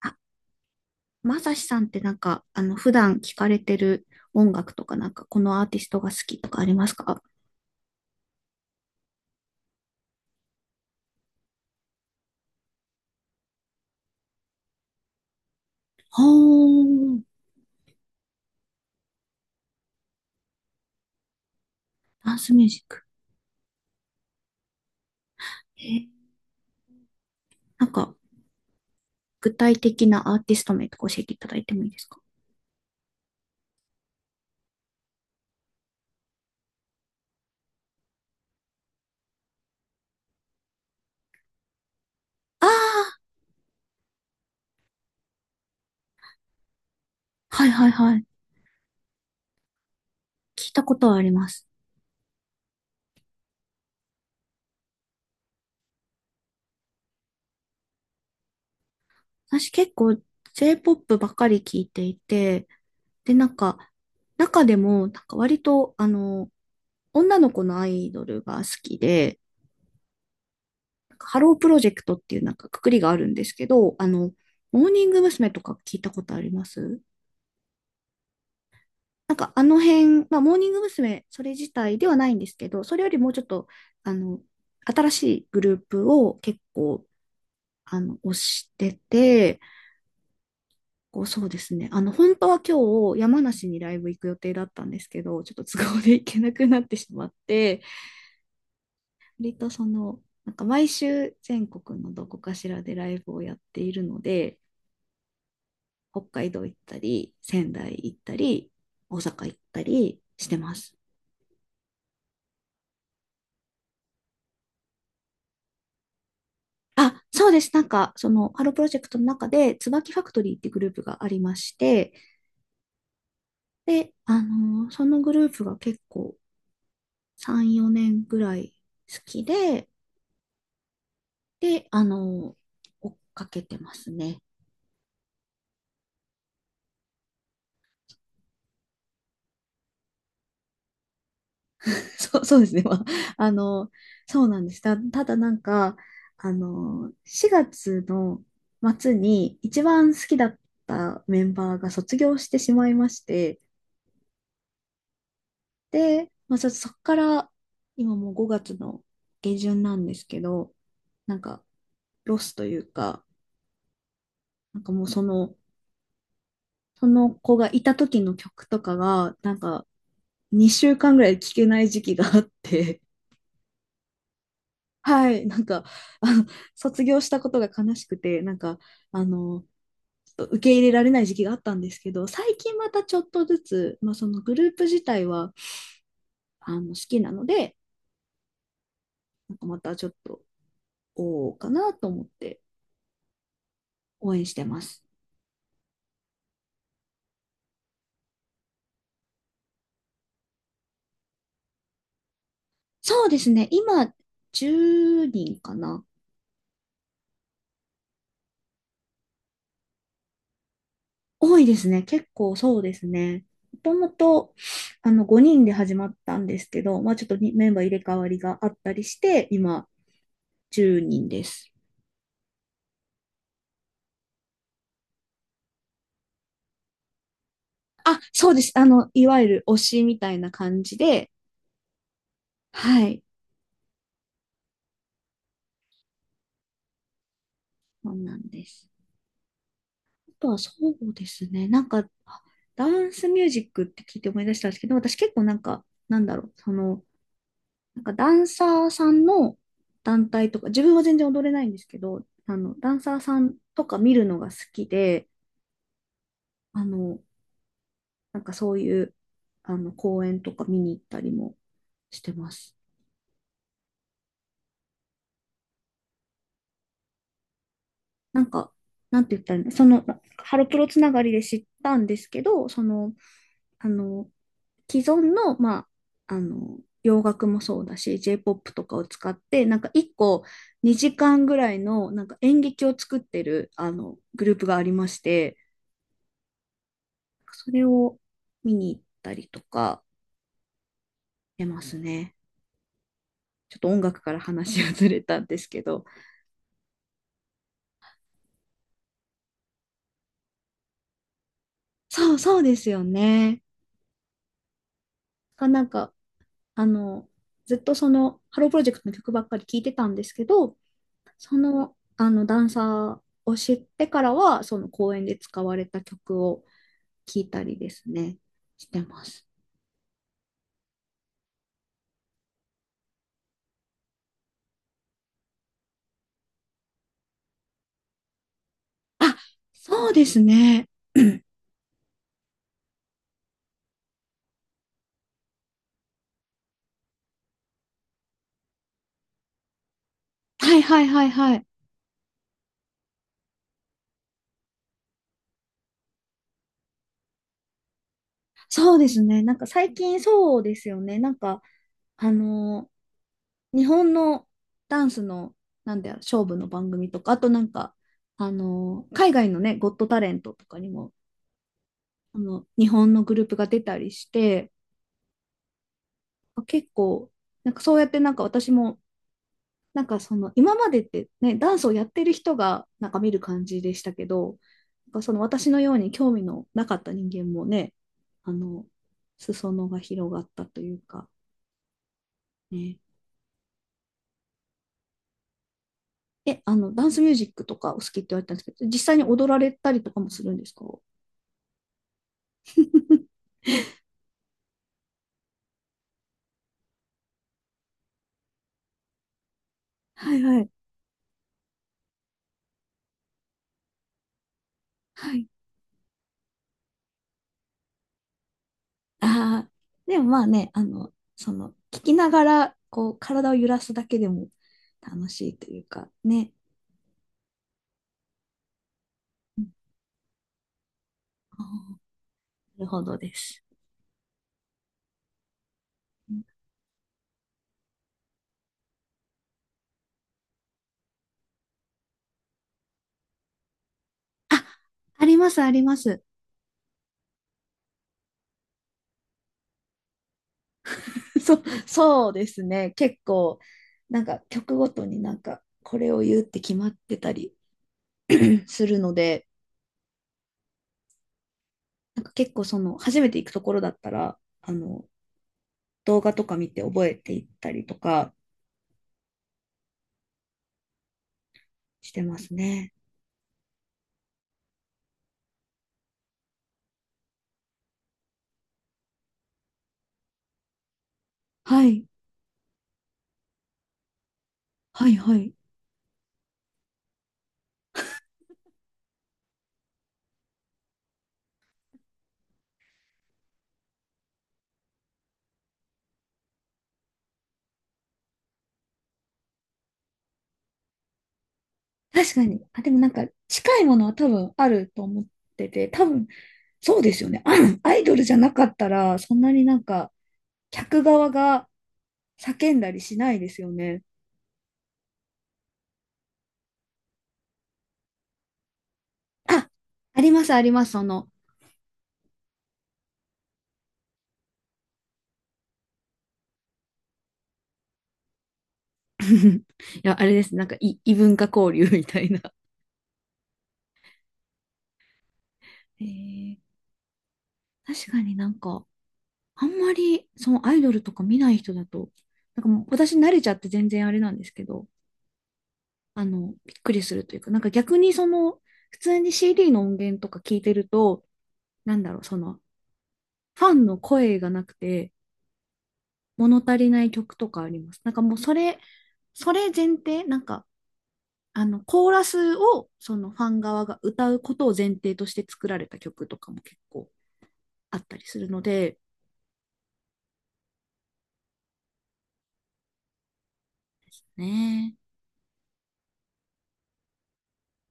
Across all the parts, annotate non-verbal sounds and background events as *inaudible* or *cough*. あ、まさしさんってなんか、普段聞かれてる音楽とか、このアーティストが好きとかありますか？はー。ダンスミュージック。えー、なんか、具体的なアーティスト名とか教えていただいてもいいですか？ああー、はいはいはい。聞いたことはあります。私結構 J-POP ばかり聞いていて、で、なんか、中でも、なんか割と、女の子のアイドルが好きで、ハロープロジェクトっていうなんか括りがあるんですけど、モーニング娘。とか聞いたことあります？なんかあの辺、まあ、モーニング娘。それ自体ではないんですけど、それよりもうちょっと、あの、新しいグループを結構、推してて、こうそうですね。あの、本当は今日山梨にライブ行く予定だったんですけど、ちょっと都合で行けなくなってしまって、割とその、なんか毎週全国のどこかしらでライブをやっているので、北海道行ったり、仙台行ったり、大阪行ったりしてます。あ、そうです。なんか、その、ハロープロジェクトの中で、椿ファクトリーってグループがありまして、で、あのーそのグループが結構3、4年ぐらい好きで、で、あのー追っかけてますね。*laughs* そう、そうですね。あの、そうなんです。ただなんか、4月の末に一番好きだったメンバーが卒業してしまいまして、で、まあ、ちょっとそこから、今もう5月の下旬なんですけど、なんか、ロスというか、なんかもうその、その子がいた時の曲とかが、なんか、2週間ぐらい聴けない時期があって、はい。*laughs* なんか、あの、*laughs* 卒業したことが悲しくて、なんか、あの、ちょっと受け入れられない時期があったんですけど、最近またちょっとずつ、まあ、そのグループ自体は、好きなので、なんかまたちょっと、おうかなと思って応援してます。そうですね、今、10人かな。多いですね、結構そうですね。もともと、5人で始まったんですけど、まあ、ちょっとにメンバー入れ替わりがあったりして、今、10人です。あ、そうです。あの、いわゆる推しみたいな感じで、はい、そうなんです。あとはうですね、なんか、あダンスミュージックって聞いて思い出したんですけど、私結構なんか、なんだろう、その、なんかダンサーさんの団体とか、自分は全然踊れないんですけど、あの、ダンサーさんとか見るのが好きで、あの、なんかそういう、公演とか見に行ったりもしてます。なんか、なんて言ったらいいのその、ハロプロつながりで知ったんですけど、その、あの、既存の、洋楽もそうだし、J-POP とかを使って、なんか一個2時間ぐらいのなんか演劇を作ってるあのグループがありまして、それを見に行ったりとかしてますね。ちょっと音楽から話がずれたんですけど。そうそうですよね。なんかあの、ずっとその、ハロープロジェクトの曲ばっかり聴いてたんですけど、その、ダンサーを知ってからは、その公演で使われた曲を聴いたりですね、してます。あ、そうですね。*clears throat* はいはいはいはい。そうですね。なんか最近そうですよね。なんか、あの、日本のダンスの、なんだよ、勝負の番組とか、あとなんか、海外のね、ゴットタレントとかにもあの日本のグループが出たりして結構なんかそうやってなんか私もなんかその今までってねダンスをやってる人がなんか見る感じでしたけどなんかその私のように興味のなかった人間もねあの裾野が広がったというか、ね、あのダンスミュージックとかお好きって言われたんですけど実際に踊られたりとかもするんですか？ *laughs* はいはいはい。 *laughs* ああ、でもまあね、あの、その、聞きながら、こう、体を揺らすだけでも楽しいというか、ね。うん。あー、なるほどです。うん。あ、あります、あります。*laughs* そう、そうですね。結構、なんか曲ごとになんか、これを言うって決まってたり、 *clears throat* するので、なんか結構その、初めて行くところだったら、動画とか見て覚えていったりとかしてますね。はい、はい、はい。確かに。あ、でもなんか近いものは多分あると思ってて、多分そうですよね。アイドルじゃなかったら、そんなになんか客側が叫んだりしないですよね。あ、あります、あります、その。*laughs* いや、あれです。なんか、異文化交流みたいな。えー、確かになんか、あんまりそのアイドルとか見ない人だと、なんかもう私慣れちゃって全然あれなんですけど、あの、びっくりするというか、なんか逆にその、普通に CD の音源とか聞いてると、なんだろう、その、ファンの声がなくて、物足りない曲とかあります。なんかもうそれ前提、コーラスを、そのファン側が歌うことを前提として作られた曲とかも結構あったりするので、ねえ。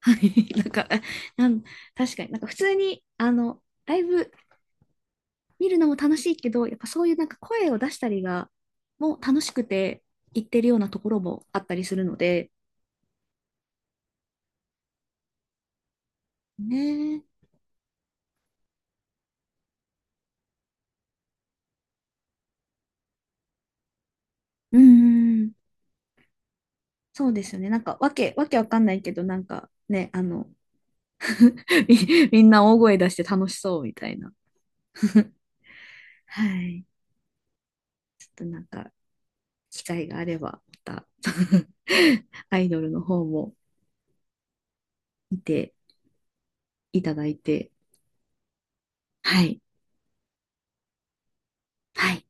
はい。*laughs* なん、か、なん、確かになんか普通に、あの、ライブ見るのも楽しいけど、やっぱそういうなんか声を出したりが、もう楽しくて行ってるようなところもあったりするので、ねえ。うんうん。そうですよね。なんか、わけわかんないけど、なんかね、あの、*laughs* みんな大声出して楽しそうみたいな。*laughs* はい。機会があれば、また *laughs* アイドルの方も見ていただいて、はい。はい。